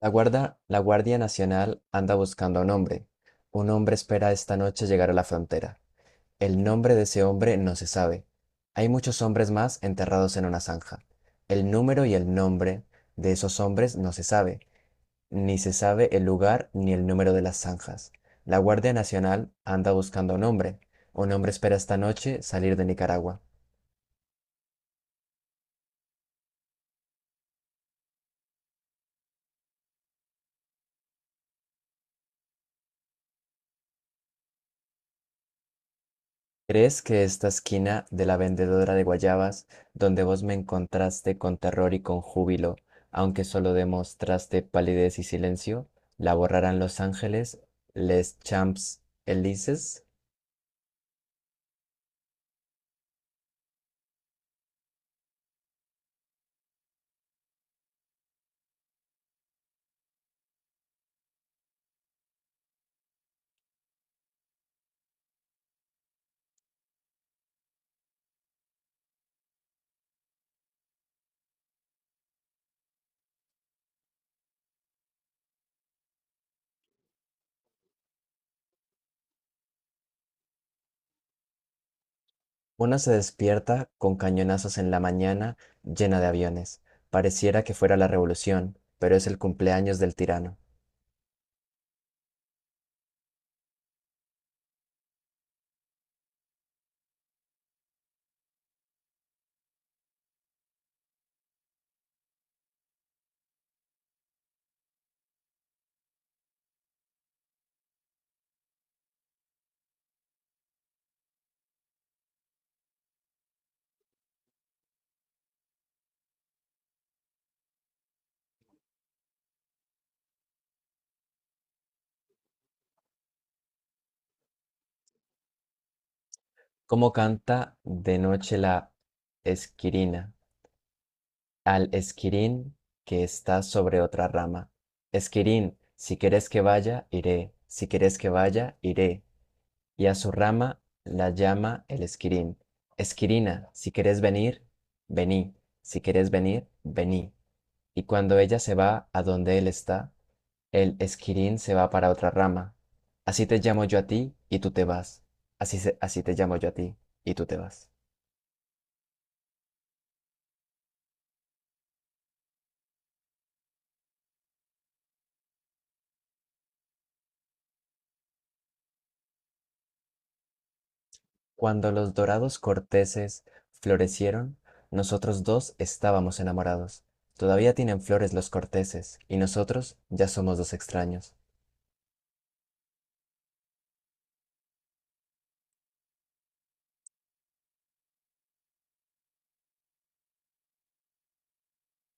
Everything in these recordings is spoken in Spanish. La Guardia Nacional anda buscando a un hombre. Un hombre espera esta noche llegar a la frontera. El nombre de ese hombre no se sabe. Hay muchos hombres más enterrados en una zanja. El número y el nombre de esos hombres no se sabe. Ni se sabe el lugar ni el número de las zanjas. La Guardia Nacional anda buscando a un hombre. Un hombre espera esta noche salir de Nicaragua. ¿Crees que esta esquina de la vendedora de guayabas, donde vos me encontraste con terror y con júbilo, aunque solo demostraste palidez y silencio, la borrarán los ángeles, les champs Elises? Una se despierta con cañonazos en la mañana, llena de aviones. Pareciera que fuera la revolución, pero es el cumpleaños del tirano. ¿Cómo canta de noche la esquirina al esquirín que está sobre otra rama? Esquirín, si quieres que vaya, iré, si quieres que vaya, iré. Y a su rama la llama el esquirín. Esquirina, si quieres venir, vení, si quieres venir, vení. Y cuando ella se va a donde él está, el esquirín se va para otra rama. Así te llamo yo a ti y tú te vas. Así te llamo yo a ti y tú te vas. Cuando los dorados corteses florecieron, nosotros dos estábamos enamorados. Todavía tienen flores los corteses, y nosotros ya somos dos extraños.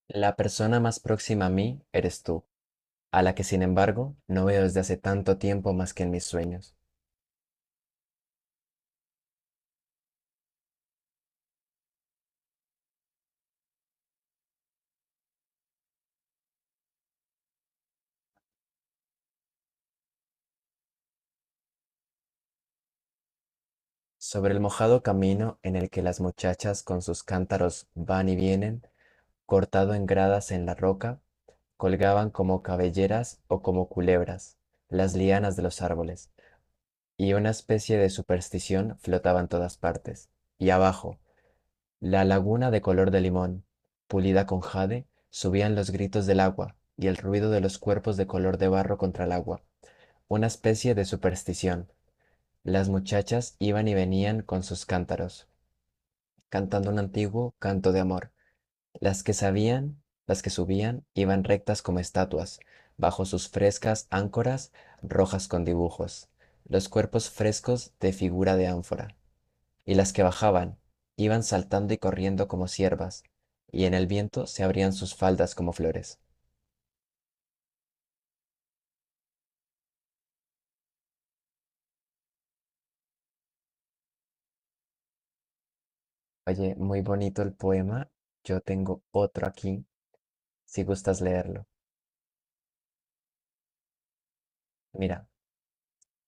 La persona más próxima a mí eres tú, a la que sin embargo no veo desde hace tanto tiempo más que en mis sueños. Sobre el mojado camino en el que las muchachas con sus cántaros van y vienen, cortado en gradas en la roca, colgaban como cabelleras o como culebras, las lianas de los árboles y una especie de superstición flotaba en todas partes. Y abajo, la laguna de color de limón, pulida con jade, subían los gritos del agua y el ruido de los cuerpos de color de barro contra el agua. Una especie de superstición. Las muchachas iban y venían con sus cántaros, cantando un antiguo canto de amor. Las que sabían, las que subían, iban rectas como estatuas, bajo sus frescas áncoras rojas con dibujos, los cuerpos frescos de figura de ánfora. Y las que bajaban iban saltando y corriendo como ciervas, y en el viento se abrían sus faldas como flores. Oye, muy bonito el poema. Yo tengo otro aquí, si gustas leerlo. Mira,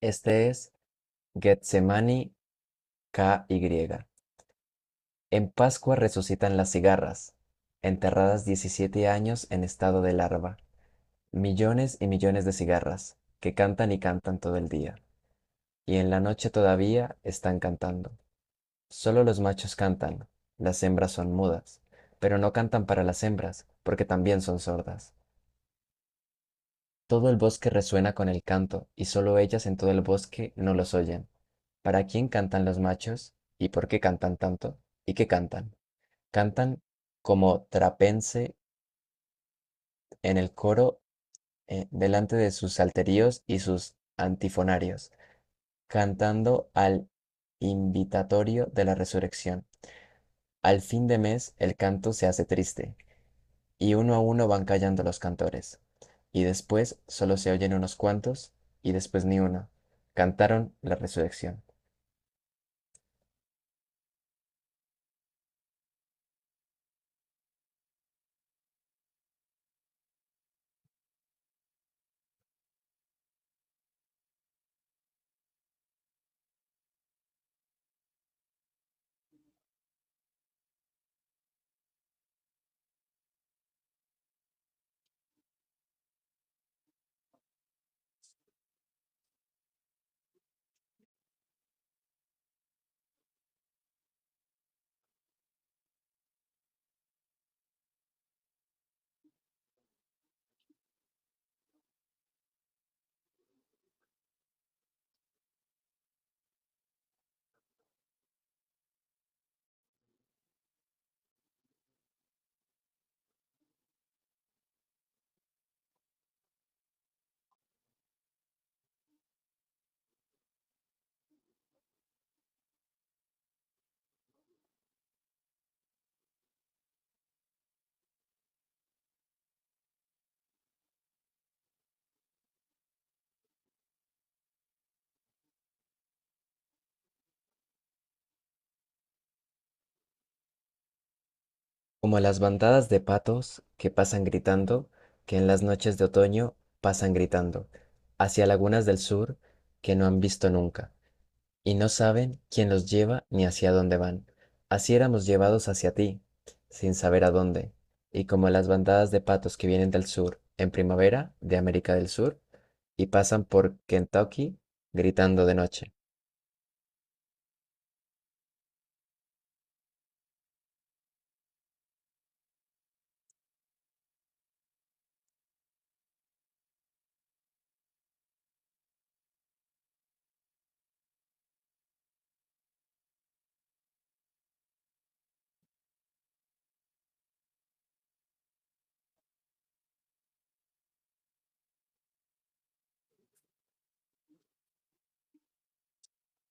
este es Getsemani k KY. En Pascua resucitan las cigarras, enterradas 17 años en estado de larva, millones y millones de cigarras, que cantan y cantan todo el día, y en la noche todavía están cantando. Solo los machos cantan, las hembras son mudas, pero no cantan para las hembras, porque también son sordas. Todo el bosque resuena con el canto, y solo ellas en todo el bosque no los oyen. ¿Para quién cantan los machos? ¿Y por qué cantan tanto? ¿Y qué cantan? Cantan como trapense en el coro, delante de sus salterios y sus antifonarios, cantando al invitatorio de la resurrección. Al fin de mes el canto se hace triste y uno a uno van callando los cantores. Y después solo se oyen unos cuantos, y después ni uno. Cantaron la resurrección. Como las bandadas de patos que pasan gritando, que en las noches de otoño pasan gritando, hacia lagunas del sur que no han visto nunca. Y no saben quién los lleva ni hacia dónde van. Así éramos llevados hacia ti, sin saber a dónde, y como las bandadas de patos que vienen del sur en primavera de América del Sur y pasan por Kentucky gritando de noche.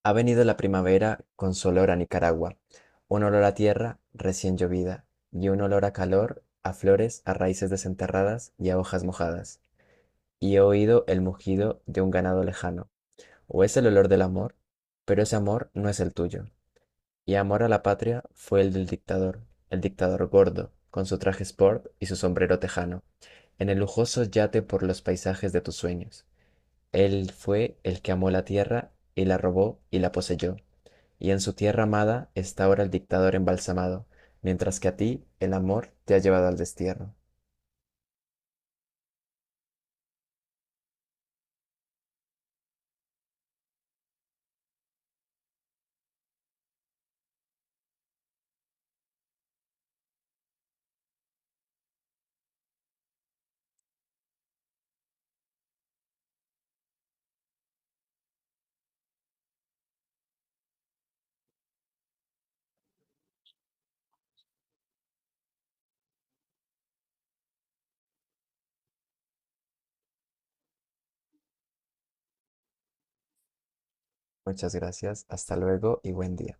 Ha venido la primavera con su olor a Nicaragua, un olor a tierra recién llovida y un olor a calor, a flores, a raíces desenterradas y a hojas mojadas. Y he oído el mugido de un ganado lejano o es el olor del amor, pero ese amor no es el tuyo. Y amor a la patria fue el del dictador, el dictador gordo, con su traje sport y su sombrero tejano, en el lujoso yate por los paisajes de tus sueños. Él fue el que amó la tierra y la robó y la poseyó. Y en su tierra amada está ahora el dictador embalsamado, mientras que a ti el amor te ha llevado al destierro. Muchas gracias, hasta luego y buen día.